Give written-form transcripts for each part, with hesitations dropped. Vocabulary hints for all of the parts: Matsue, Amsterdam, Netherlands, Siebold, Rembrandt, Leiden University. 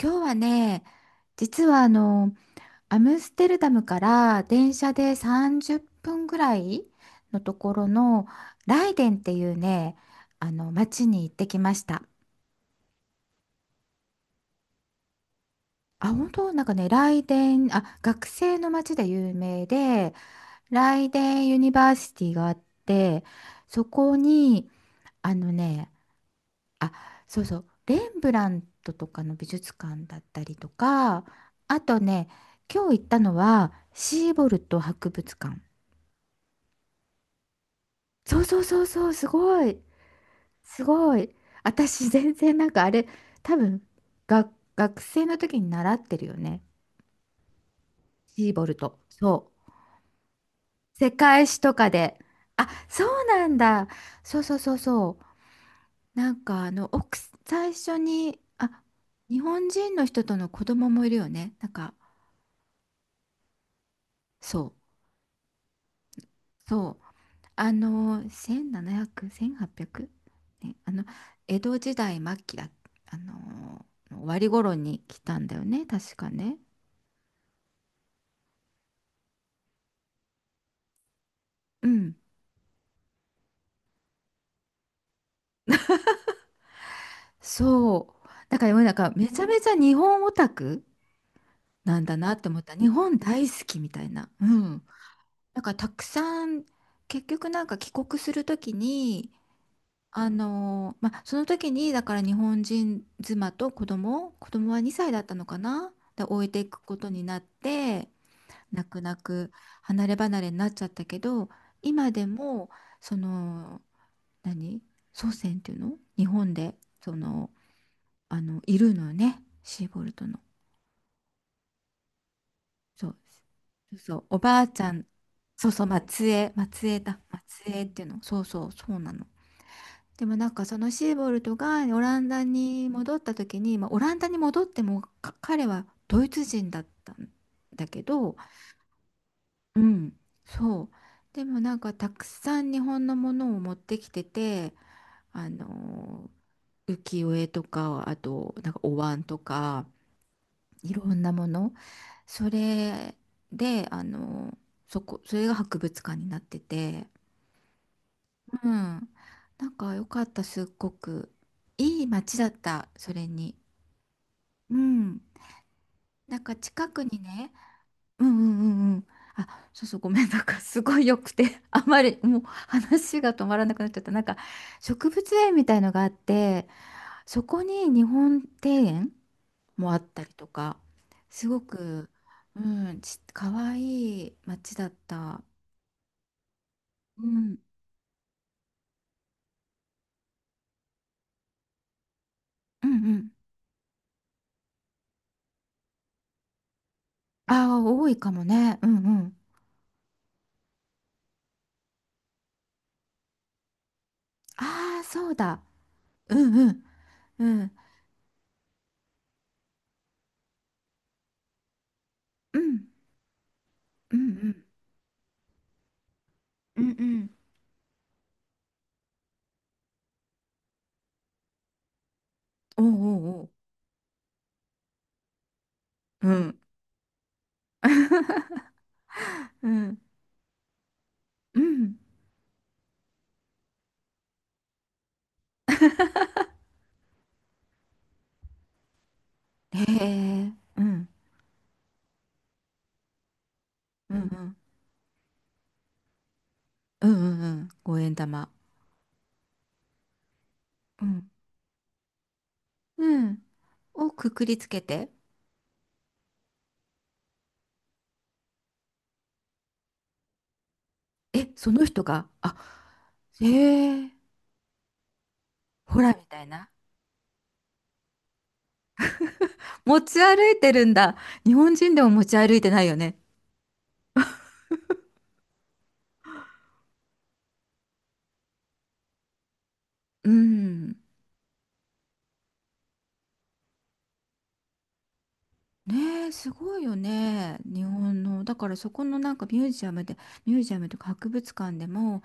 今日はね、実はアムステルダムから電車で30分ぐらいのところのライデンっていうね、あの町に行ってきました。あ、本当なんかね、ライデン、あ、学生の町で有名で、ライデンユニバーシティがあって、そこに、あのね、あ、そうそう、レンブラントとかの美術館だったりとか、あとね、今日行ったのはシーボルト博物館。そうそうそうそう、すごい、すごい。私全然なんかあれ、多分が学生の時に習ってるよね。シーボルト。そう。世界史とかで。あ、そうなんだ。そうそうそうそう。なんか奥最初に、あ、日本人の人との子供もいるよね。なんか、そう。そう。1700、1800？ ね、江戸時代末期だ、あの終わり頃に来たんだよね、確かね。うん。そう。だから、なんか、めちゃめちゃ日本オタクなんだなって思った。日本大好きみたいな。うん。なんか、たくさん、結局なんか帰国するときに、まあ、その時に、だから日本人妻と子供、子供は2歳だったのかなで置いていくことになって、泣く泣く離れ離れになっちゃったけど、今でもその何、祖先っていうの日本で、そのいるのよねシーボルトの。そうそうそう、おばあちゃん。そうそう、松江、松江だ、松江っていうの、そうそうそうなの。でもなんかそのシーボルトがオランダに戻った時に、まあ、オランダに戻ってもか、彼はドイツ人だったんだけど。うん、そう。でもなんかたくさん日本のものを持ってきてて、あのー浮世絵とか、あとなんかお椀とか、いろんなもの。それで、それが博物館になってて、うん。なんか良かった、すっごく。いい街だった、それに。うん。なんか近くにね、うんうんうんうん。あ、そうそう、ごめん、なんかすごい良くて、あまりもう話が止まらなくなっちゃった。なんか植物園みたいのがあって、そこに日本庭園もあったりとか、すごく、うん、かわいい街だった。うん、うんうん。ああ、多いかもね。うんうん。ああ、そうだ。うんうん、うん、うん、うん、うん、うん、うん。おうおうおう。うん。うん。うん。へえ、うん、うんうん、うんうんうん、五円玉。うん、うん、をくくりつけて、え、その人が、あ、へえ、ほらみたいな。持ち歩いてるんだ。日本人でも持ち歩いてないよね。うん。ねえ、すごいよね。日本の。だからそこのなんかミュージアムで、ミュージアムとか博物館でも、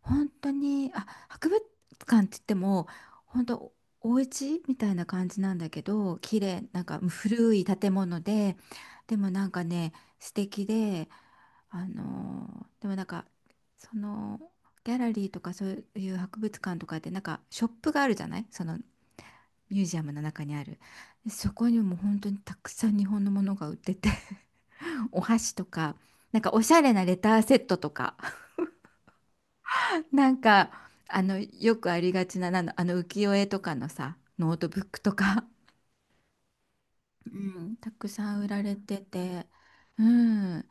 本当に、あ、博物館って言っても、本当お家みたいな感じなんだけど、綺麗、なんか古い建物で、でもなんかね、素敵で、でもなんか、その、ギャラリーとかそういう博物館とかで、なんかショップがあるじゃない、そのミュージアムの中にある。でそこにも本当にたくさん日本のものが売ってて、お箸とか、なんかおしゃれなレターセットとか。なんかよくありがちな、なんだ浮世絵とかのさ、ノートブックとか、うん、たくさん売られてて、うん、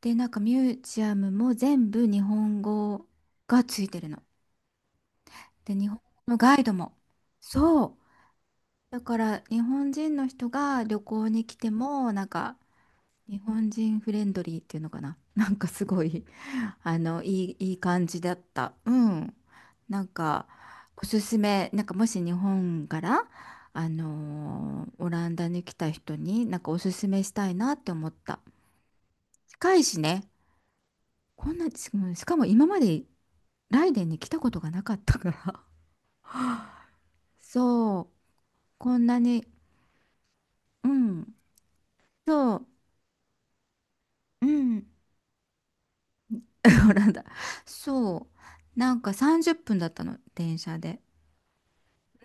でなんかミュージアムも全部日本語がついてるの。で日本語のガイドも、そう、だから日本人の人が旅行に来てもなんか日本人フレンドリーっていうのかな、なんかすごい、いい感じだった。うん。なんか、おすすめ、なんかもし日本から、オランダに来た人に、なんかおすすめしたいなって思った。近いしね。こんな、しかも今までライデンに来たことがなかったから。そう。こんなに、うん。そう。うん。オランダ。そう。なんか30分だったの、電車で。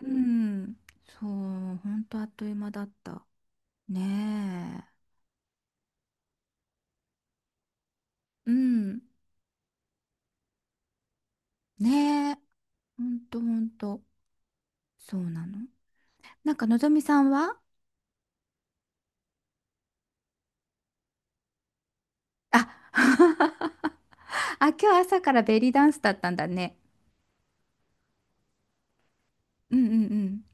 うん。そう。ほんとあっという間だった。ねえ。うん。ねえ。ほんとほんと。そうなの。なんかのぞみさんは、あ。 あ、今日朝からベリーダンスだったんだね。うんうんうん。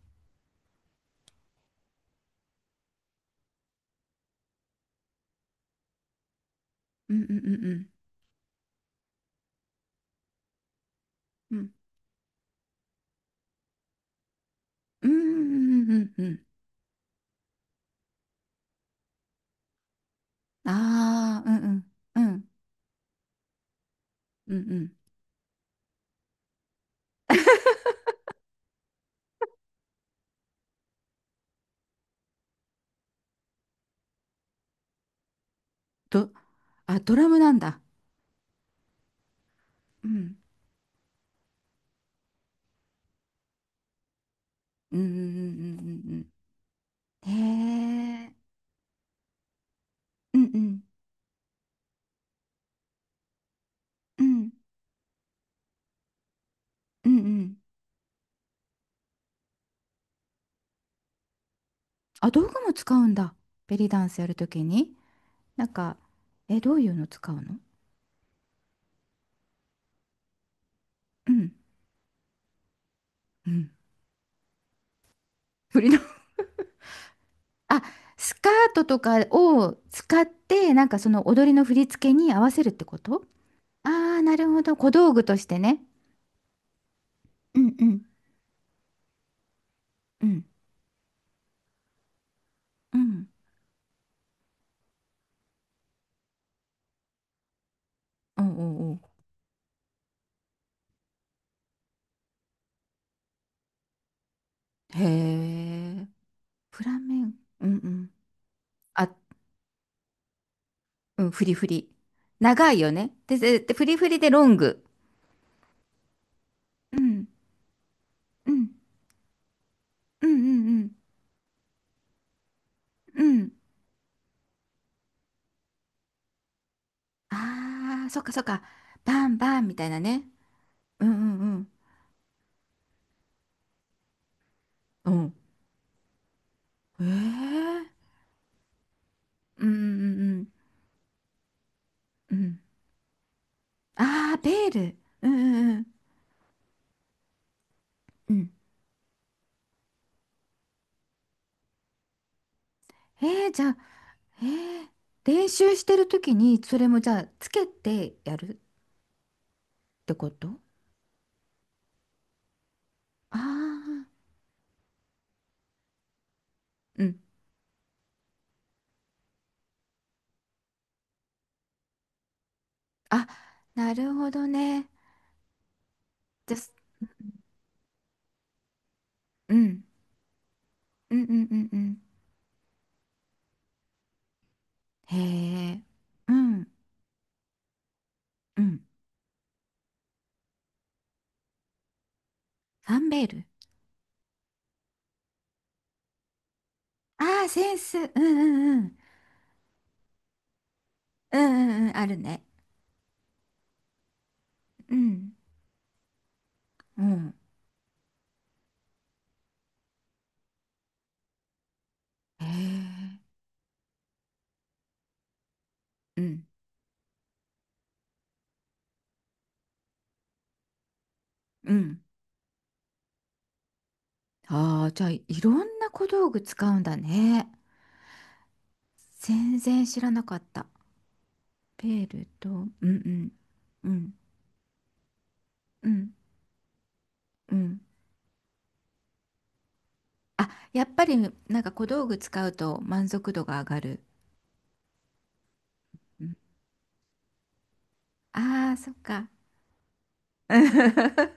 うんうんうんうん。うんうんうんうんうん。ああ、うんうんうんうんうん。ど、あ、ドラムなんだ。うん。うんうんうんうんうんうん。へえ。うんうんうんうんうん。あ、道具も使うんだ。ベリーダンスやるときに。なんか、え、どういうの使うの？うん。うん。振りの、あ、スカートとかを使って、なんかその踊りの振り付けに合わせるってこと？ああー、なるほど。小道具としてね。うんうんうんうんうんうんうん、へえ。フラメン。うんうん。あ、うん、フリフリ。長いよね。でフリフリでロング。うんうんうんうんうんうん。ああ、そっかそっか。バンバンみたいなね。うんうんうん。うん。ええ、うんうんうんうん。ああ、ベール。うんうんうん。うん、じゃあ、ええ、練習してる時にそれもじゃあつけてやるってこと？ああー、うん。あ、なるほどね。じゃあ、うん、うんうんうんうん。へえ、うん、うん。ファンベール。ああ、センス。うんうんうん。うんうんうん。あるね。うん、うん。へえ、うん、うん。ああ、じゃあ、いろんな小道具使うんだね。全然知らなかった。ペールと、うんうんうん、うん、うん。あ、やっぱりなんか小道具使うと満足度が上がる。ああー、そっか。え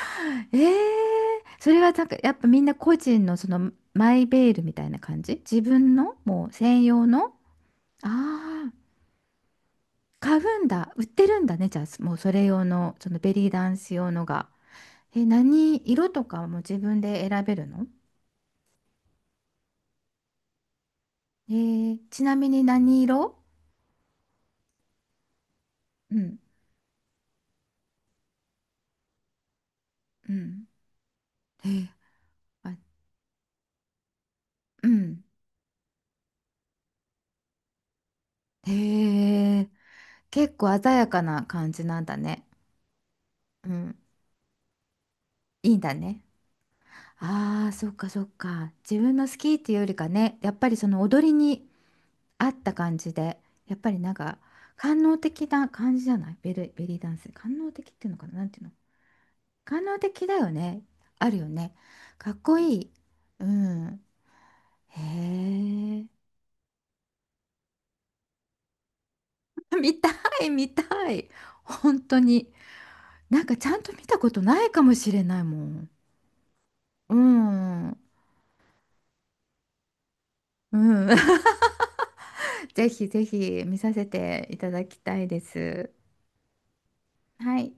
ーそれはなんかやっぱみんな個人のそのマイベールみたいな感じ、自分のもう専用の。ああ、買うんだ。売ってるんだね。じゃあ、もうそれ用の、そのベリーダンス用のが。え、何色とかも自分で選べるの？ちなみに何色？うん、うん。えーあ、うん。へえ、結構鮮やかな感じなんだね。うん、いいんだね。ああ、そっかそっか。自分の好きっていうよりかね、やっぱりその踊りに合った感じで、やっぱりなんか、官能的な感じじゃない、ベリーダンス。官能的っていうのかな、なんていうの？官能的だよね。あるよね。かっこいい。うん。へえ。見たい、見たい。本当に。なんかちゃんと見たことないかもしれないもん。うん。うん。ぜひぜひ見させていただきたいです。はい。